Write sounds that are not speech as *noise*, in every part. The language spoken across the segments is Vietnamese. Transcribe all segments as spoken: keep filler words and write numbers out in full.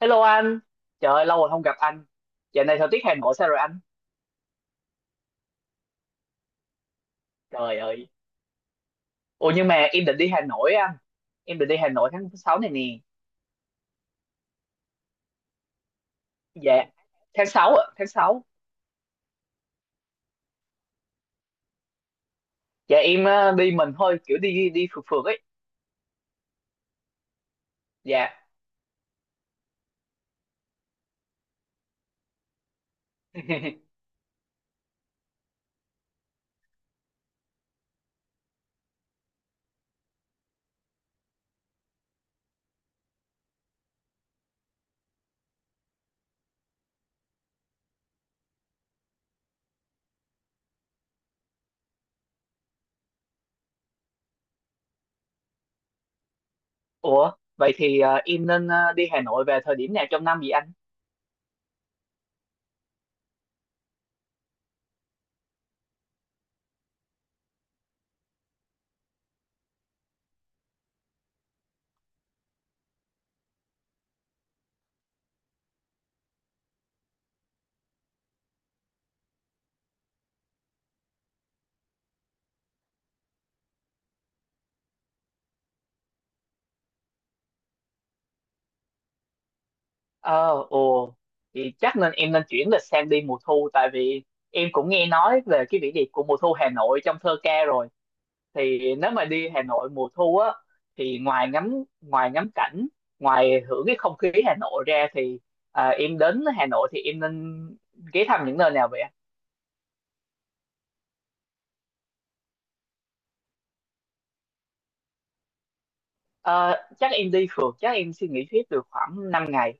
Hello anh, trời ơi, lâu rồi không gặp anh. Giờ này thời tiết Hà Nội sao rồi anh? Trời ơi. Ủa nhưng mà em định đi Hà Nội á anh. Em định đi Hà Nội tháng sáu này nè. Dạ. Tháng sáu ạ, tháng sáu. Dạ em ờ, đi mình thôi, kiểu đi đi phượt phượt ấy. Dạ. *laughs* Ủa, vậy thì ờ, em nên ờ, đi Hà Nội về thời điểm nào trong năm vậy anh? Ờ, ồ. Thì chắc nên em nên chuyển lịch sang đi mùa thu tại vì em cũng nghe nói về cái vẻ đẹp của mùa thu Hà Nội trong thơ ca rồi. Thì nếu mà đi Hà Nội mùa thu á thì ngoài ngắm ngoài ngắm cảnh, ngoài hưởng cái không khí Hà Nội ra thì à, em đến Hà Nội thì em nên ghé thăm những nơi nào vậy? Ờ, chắc em đi phượt, chắc em suy nghĩ hết được khoảng năm ngày.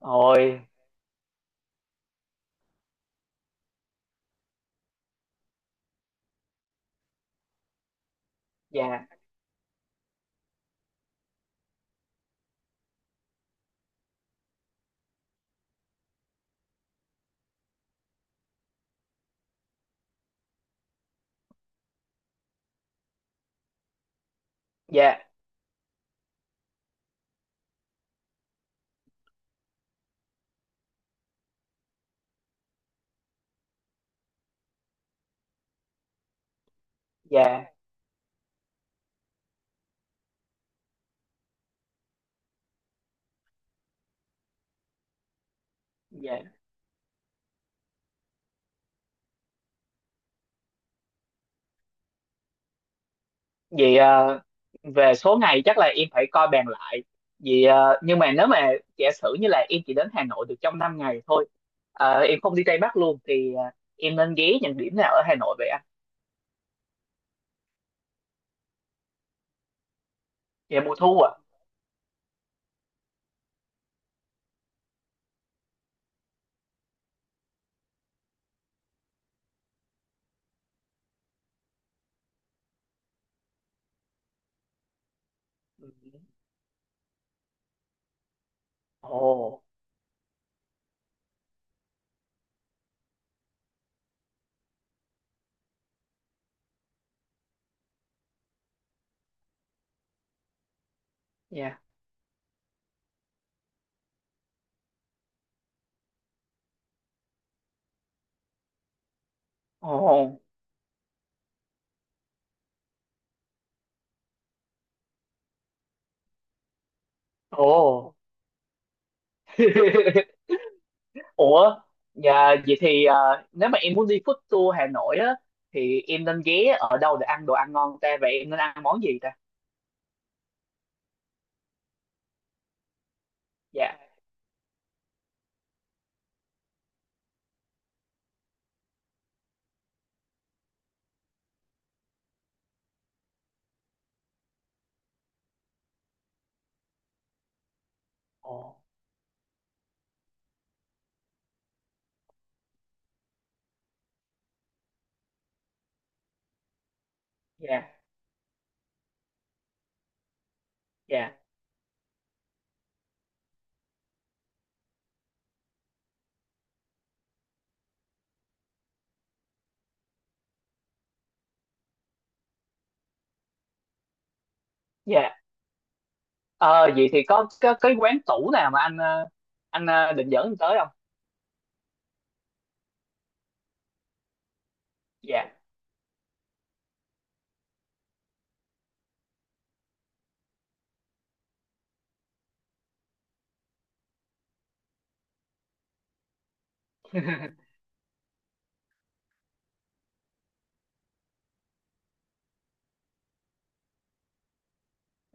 Rồi. Dạ, dạ, dạ, dạ. Vậy ờ, về số ngày chắc là em phải coi bàn lại, vì ờ, nhưng mà nếu mà giả sử như là em chỉ đến Hà Nội được trong năm ngày thôi, ờ, em không đi Tây Bắc luôn thì ờ, em nên ghé những điểm nào ở Hà Nội vậy? Dạ mùa thu à. Ừ. Ồ, dạ. Ồ, ồ. *laughs* Ủa, dạ vậy thì à, nếu mà em muốn đi food tour Hà Nội á thì em nên ghé ở đâu để ăn đồ ăn ngon ta, vậy em nên ăn món gì ta? Dạ. Ồ, dạ, dạ, dạ. Ờ vậy thì có có cái quán tủ nào mà anh ờ, anh ờ, định dẫn em tới không? Dạ. *laughs*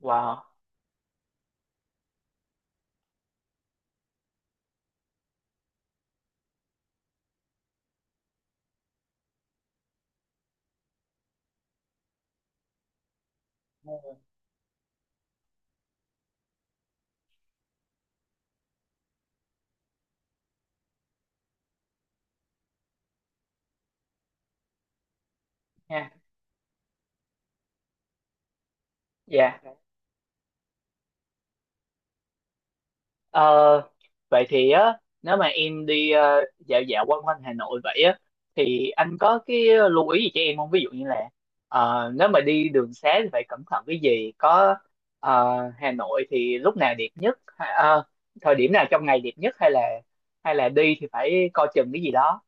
Wow. Ồ, nha. Dạ. Ờ, vậy thì á nếu mà em đi ờ, dạo dạo quanh quanh Hà Nội vậy á thì anh có cái lưu ý gì cho em không? Ví dụ như là ờ, nếu mà đi đường xá thì phải cẩn thận cái gì? Có ờ, Hà Nội thì lúc nào đẹp nhất? Ha- ờ, thời điểm nào trong ngày đẹp nhất hay là hay là đi thì phải coi chừng cái gì đó?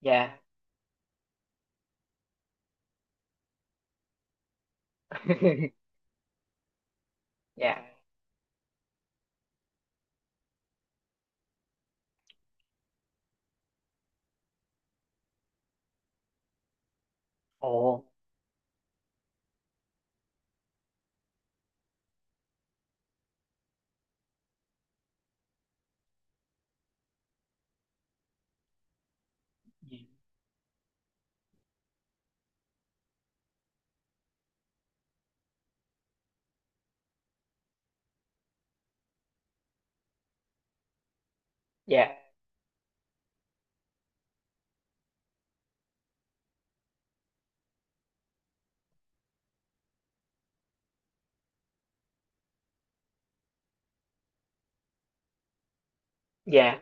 Dạ, *laughs* dạ. Ồ, dạ, dạ,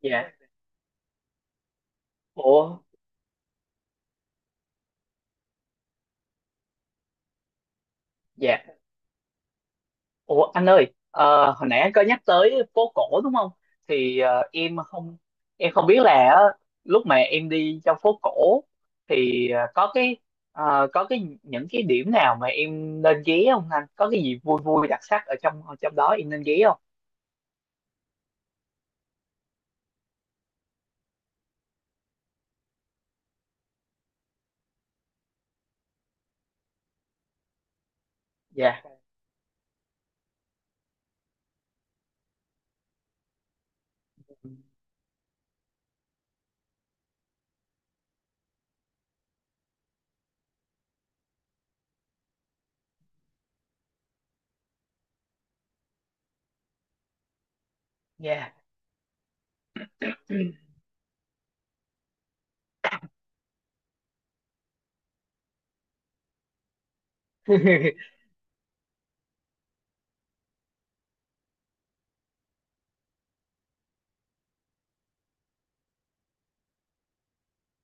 dạ. Ồ, dạ. Ồ anh ơi, ờ, hồi nãy anh có nhắc tới phố cổ đúng không? Thì ờ, em không em không biết là á, lúc mà em đi trong phố cổ thì ờ, có cái ờ, có cái những cái điểm nào mà em nên ghé không anh? Có cái gì vui vui đặc sắc ở trong ở trong đó em nên ghé không? Dạ, dạ, *laughs*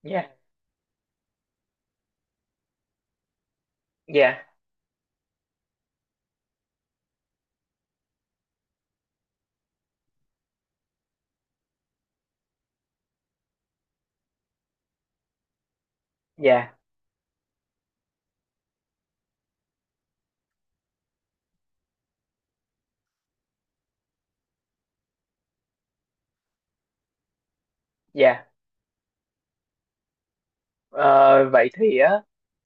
dạ, dạ, dạ, dạ. Ờ, vậy thì á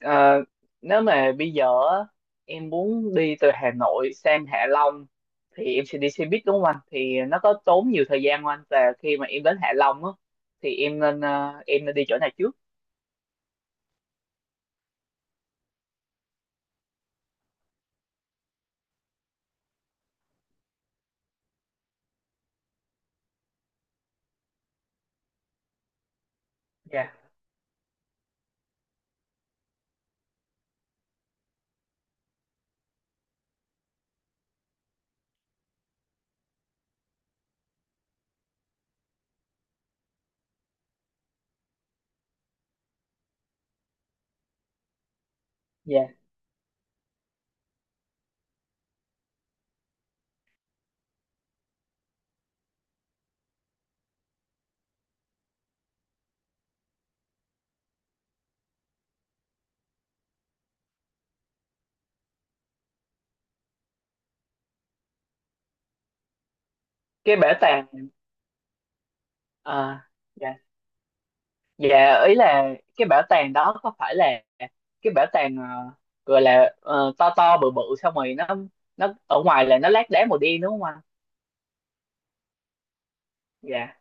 ờ, nếu mà bây giờ á, em muốn đi từ Hà Nội sang Hạ Long thì em sẽ đi xe buýt đúng không anh? Thì nó có tốn nhiều thời gian không anh? Và khi mà em đến Hạ Long á thì em nên ờ, em nên đi chỗ nào trước? Dạ, dạ. Cái bảo tàng ờ, dạ. Dạ ý là cái bảo tàng đó có phải là cái bảo tàng ờ, gọi là ờ, to to bự bự, xong rồi nó nó ở ngoài là nó lát đá màu đen đúng không anh? Dạ.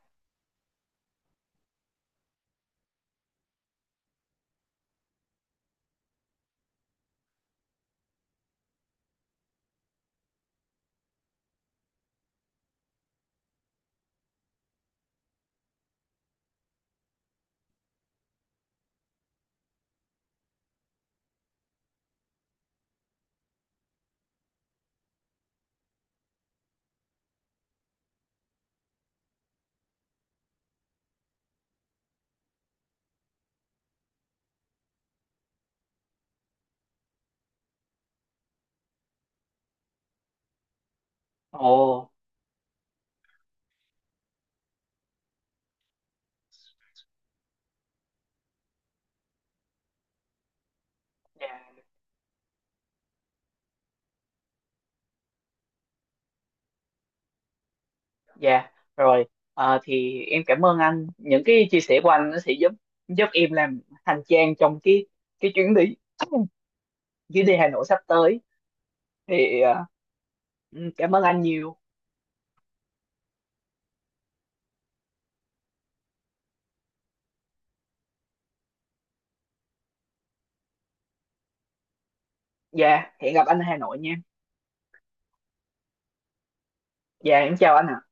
Ồ. Dạ. Dạ, rồi. Ờ, thì em cảm ơn anh. Những cái chia sẻ của anh nó sẽ giúp giúp em làm hành trang trong cái cái chuyến đi *clears throat* chuyến đi Hà Nội sắp tới. Thì ờ, ừ, cảm ơn anh nhiều. Dạ, hẹn gặp anh ở Hà Nội nha. Dạ, em chào anh ạ.